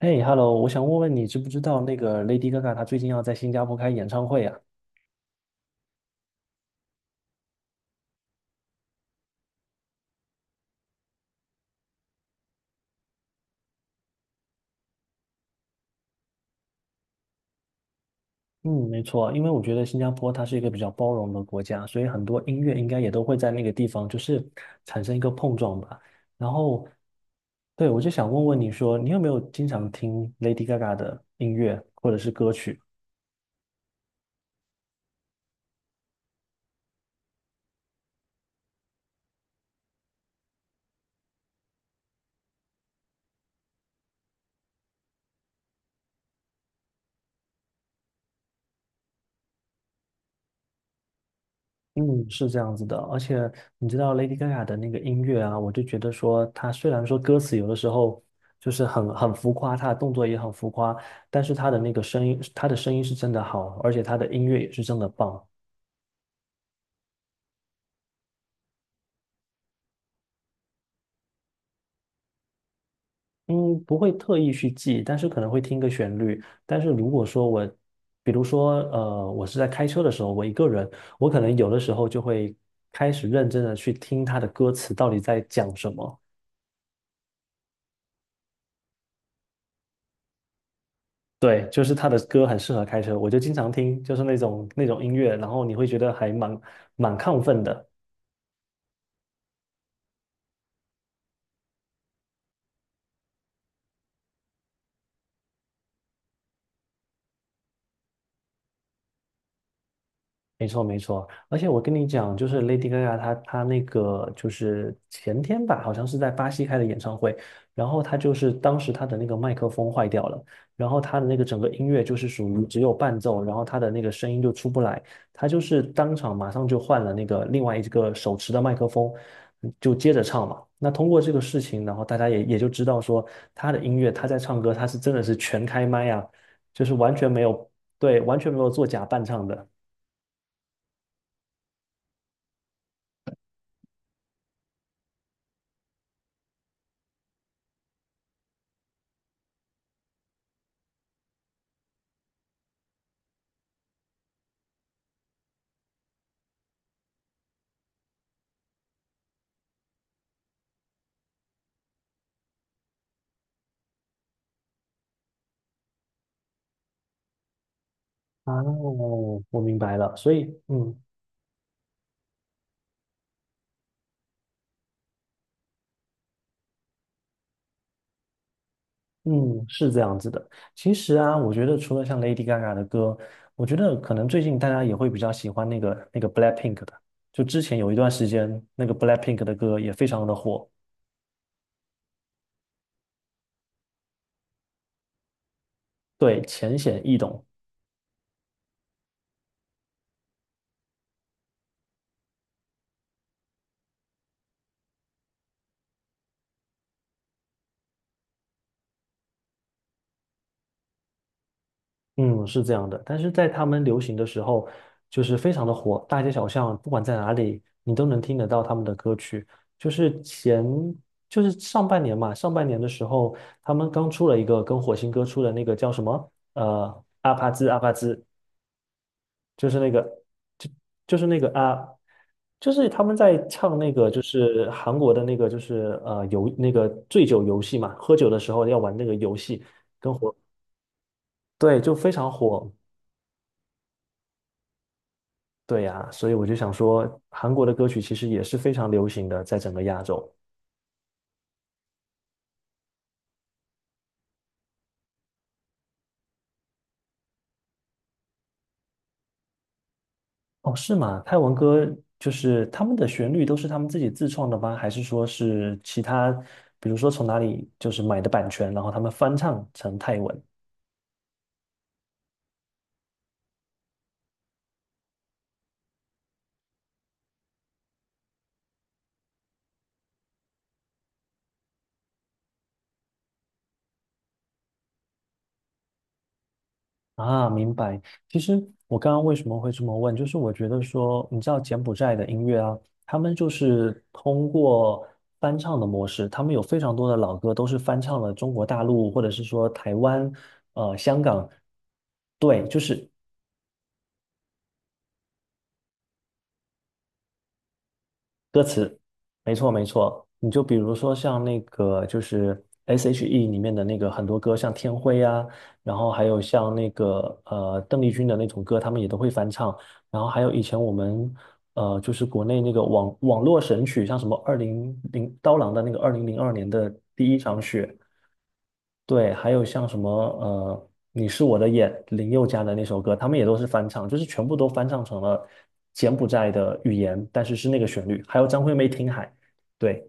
嘿，Hello，我想问问你，知不知道那个 Lady Gaga 她最近要在新加坡开演唱会啊？嗯，没错，因为我觉得新加坡它是一个比较包容的国家，所以很多音乐应该也都会在那个地方就是产生一个碰撞吧。然后，对，我就想问问你说，你有没有经常听 Lady Gaga 的音乐或者是歌曲？嗯，是这样子的。而且你知道 Lady Gaga 的那个音乐啊，我就觉得说，她虽然说歌词有的时候就是很浮夸，她的动作也很浮夸，但是她的那个声音，她的声音是真的好，而且她的音乐也是真的棒。嗯，不会特意去记，但是可能会听个旋律。但是如果说我，比如说我是在开车的时候，我一个人，我可能有的时候就会开始认真的去听她的歌词到底在讲什么。对，就是他的歌很适合开车，我就经常听，就是那种音乐，然后你会觉得还蛮亢奋的。没错，没错，而且我跟你讲，就是 Lady Gaga 她那个就是前天吧，好像是在巴西开的演唱会，然后她就是当时她的那个麦克风坏掉了，然后她的那个整个音乐就是属于只有伴奏，然后她的那个声音就出不来，她就是当场马上就换了那个另外一个手持的麦克风，就接着唱嘛。那通过这个事情，然后大家也就知道说她的音乐，她在唱歌，她是真的是全开麦啊，就是完全没有，对，完全没有做假伴唱的。啊，我明白了，所以，嗯嗯，是这样子的。其实啊，我觉得除了像 Lady Gaga 的歌，我觉得可能最近大家也会比较喜欢那个 BLACKPINK 的。就之前有一段时间，那个 BLACKPINK 的歌也非常的火。对，浅显易懂。嗯，是这样的，但是在他们流行的时候，就是非常的火，大街小巷，不管在哪里，你都能听得到他们的歌曲。就是前，就是上半年嘛，上半年的时候，他们刚出了一个跟火星哥出的那个叫什么？阿帕兹阿帕兹，就是那个，就就是那个啊，就是他们在唱那个，就是韩国的那个，就是那个醉酒游戏嘛，喝酒的时候要玩那个游戏。对，就非常火。对呀，所以我就想说，韩国的歌曲其实也是非常流行的，在整个亚洲。哦，是吗？泰文歌就是他们的旋律都是他们自己自创的吗？还是说是其他，比如说从哪里就是买的版权，然后他们翻唱成泰文？啊，明白。其实我刚刚为什么会这么问，就是我觉得说，你知道柬埔寨的音乐啊，他们就是通过翻唱的模式，他们有非常多的老歌都是翻唱了中国大陆或者是说台湾、香港。对，就是歌词，没错没错，你就比如说像那个就是 S.H.E 里面的那个很多歌，像《天灰》啊，然后还有像那个邓丽君的那种歌，他们也都会翻唱，然后还有以前我们就是国内那个网络神曲，像什么二零零刀郎的那个2002年的第一场雪。对，还有像什么你是我的眼，林宥嘉的那首歌，他们也都是翻唱，就是全部都翻唱成了柬埔寨的语言，但是是那个旋律。还有张惠妹《听海》，对。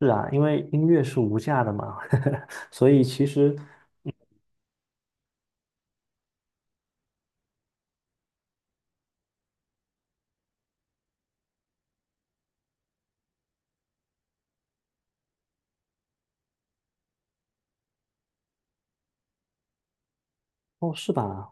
是啊，因为音乐是无价的嘛，所以其实。哦，是吧？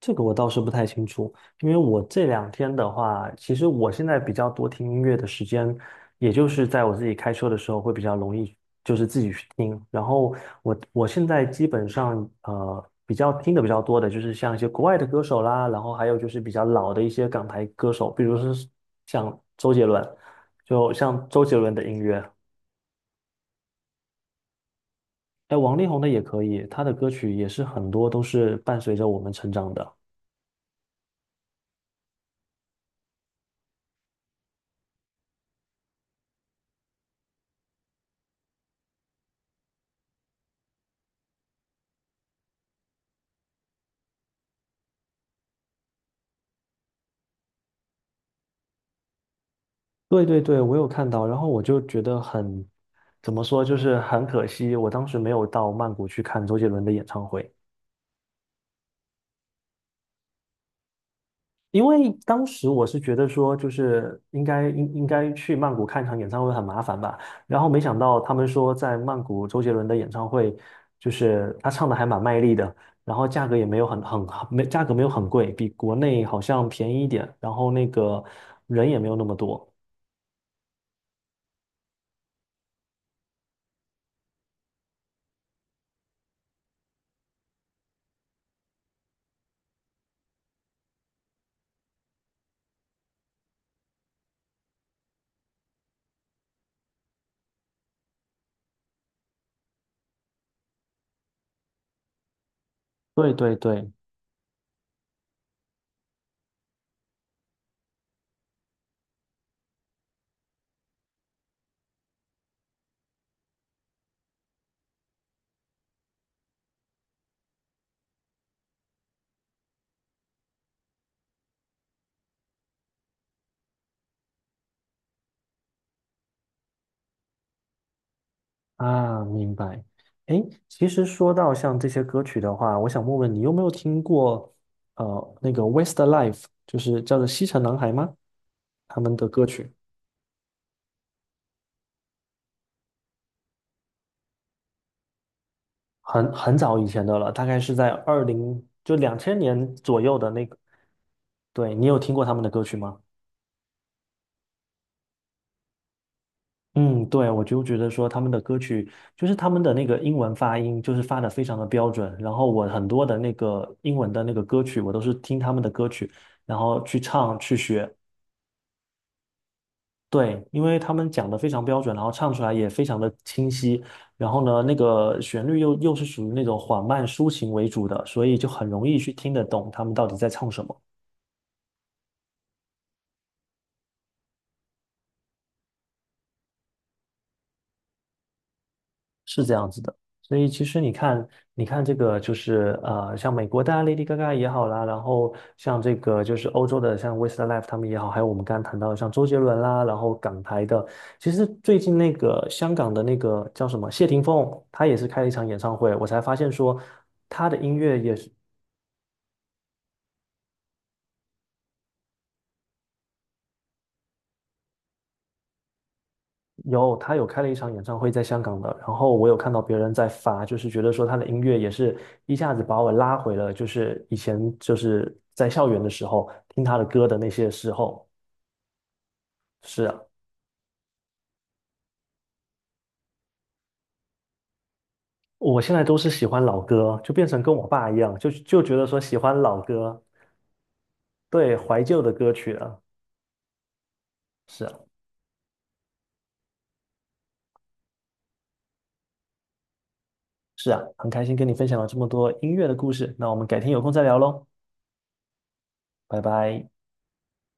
这个我倒是不太清楚，因为我这两天的话，其实我现在比较多听音乐的时间，也就是在我自己开车的时候会比较容易，就是自己去听。然后我现在基本上比较听的比较多的就是像一些国外的歌手啦，然后还有就是比较老的一些港台歌手，比如是像周杰伦，就像周杰伦的音乐。哎，王力宏的也可以，他的歌曲也是很多都是伴随着我们成长的。对对对，我有看到，然后我就觉得很，怎么说，就是很可惜，我当时没有到曼谷去看周杰伦的演唱会，因为当时我是觉得说，就是应该去曼谷看场演唱会很麻烦吧，然后没想到他们说在曼谷周杰伦的演唱会，就是他唱的还蛮卖力的，然后价格也没有很很没价格没有很贵，比国内好像便宜一点，然后那个人也没有那么多。对对对，啊，明白。诶，其实说到像这些歌曲的话，我想问问你有没有听过那个 Westlife，就是叫做西城男孩吗？他们的歌曲很早以前的了，大概是在就2000年左右的那个。对，你有听过他们的歌曲吗？嗯，对，我就觉得说他们的歌曲，就是他们的那个英文发音，就是发的非常的标准。然后我很多的那个英文的那个歌曲，我都是听他们的歌曲，然后去唱去学。对，因为他们讲的非常标准，然后唱出来也非常的清晰，然后呢，那个旋律又是属于那种缓慢抒情为主的，所以就很容易去听得懂他们到底在唱什么。是这样子的，所以其实你看，你看这个就是像美国的啊 Lady Gaga 也好啦，然后像这个就是欧洲的像 Westlife 他们也好，还有我们刚刚谈到的像周杰伦啦，然后港台的，其实最近那个香港的那个叫什么谢霆锋，他也是开了一场演唱会，我才发现说他的音乐也是有，他有开了一场演唱会在香港的，然后我有看到别人在发，就是觉得说他的音乐也是一下子把我拉回了，就是以前就是在校园的时候听他的歌的那些时候。是啊，我现在都是喜欢老歌，就变成跟我爸一样，就觉得说喜欢老歌，对，怀旧的歌曲了。是啊，是啊，很开心跟你分享了这么多音乐的故事，那我们改天有空再聊喽，拜拜。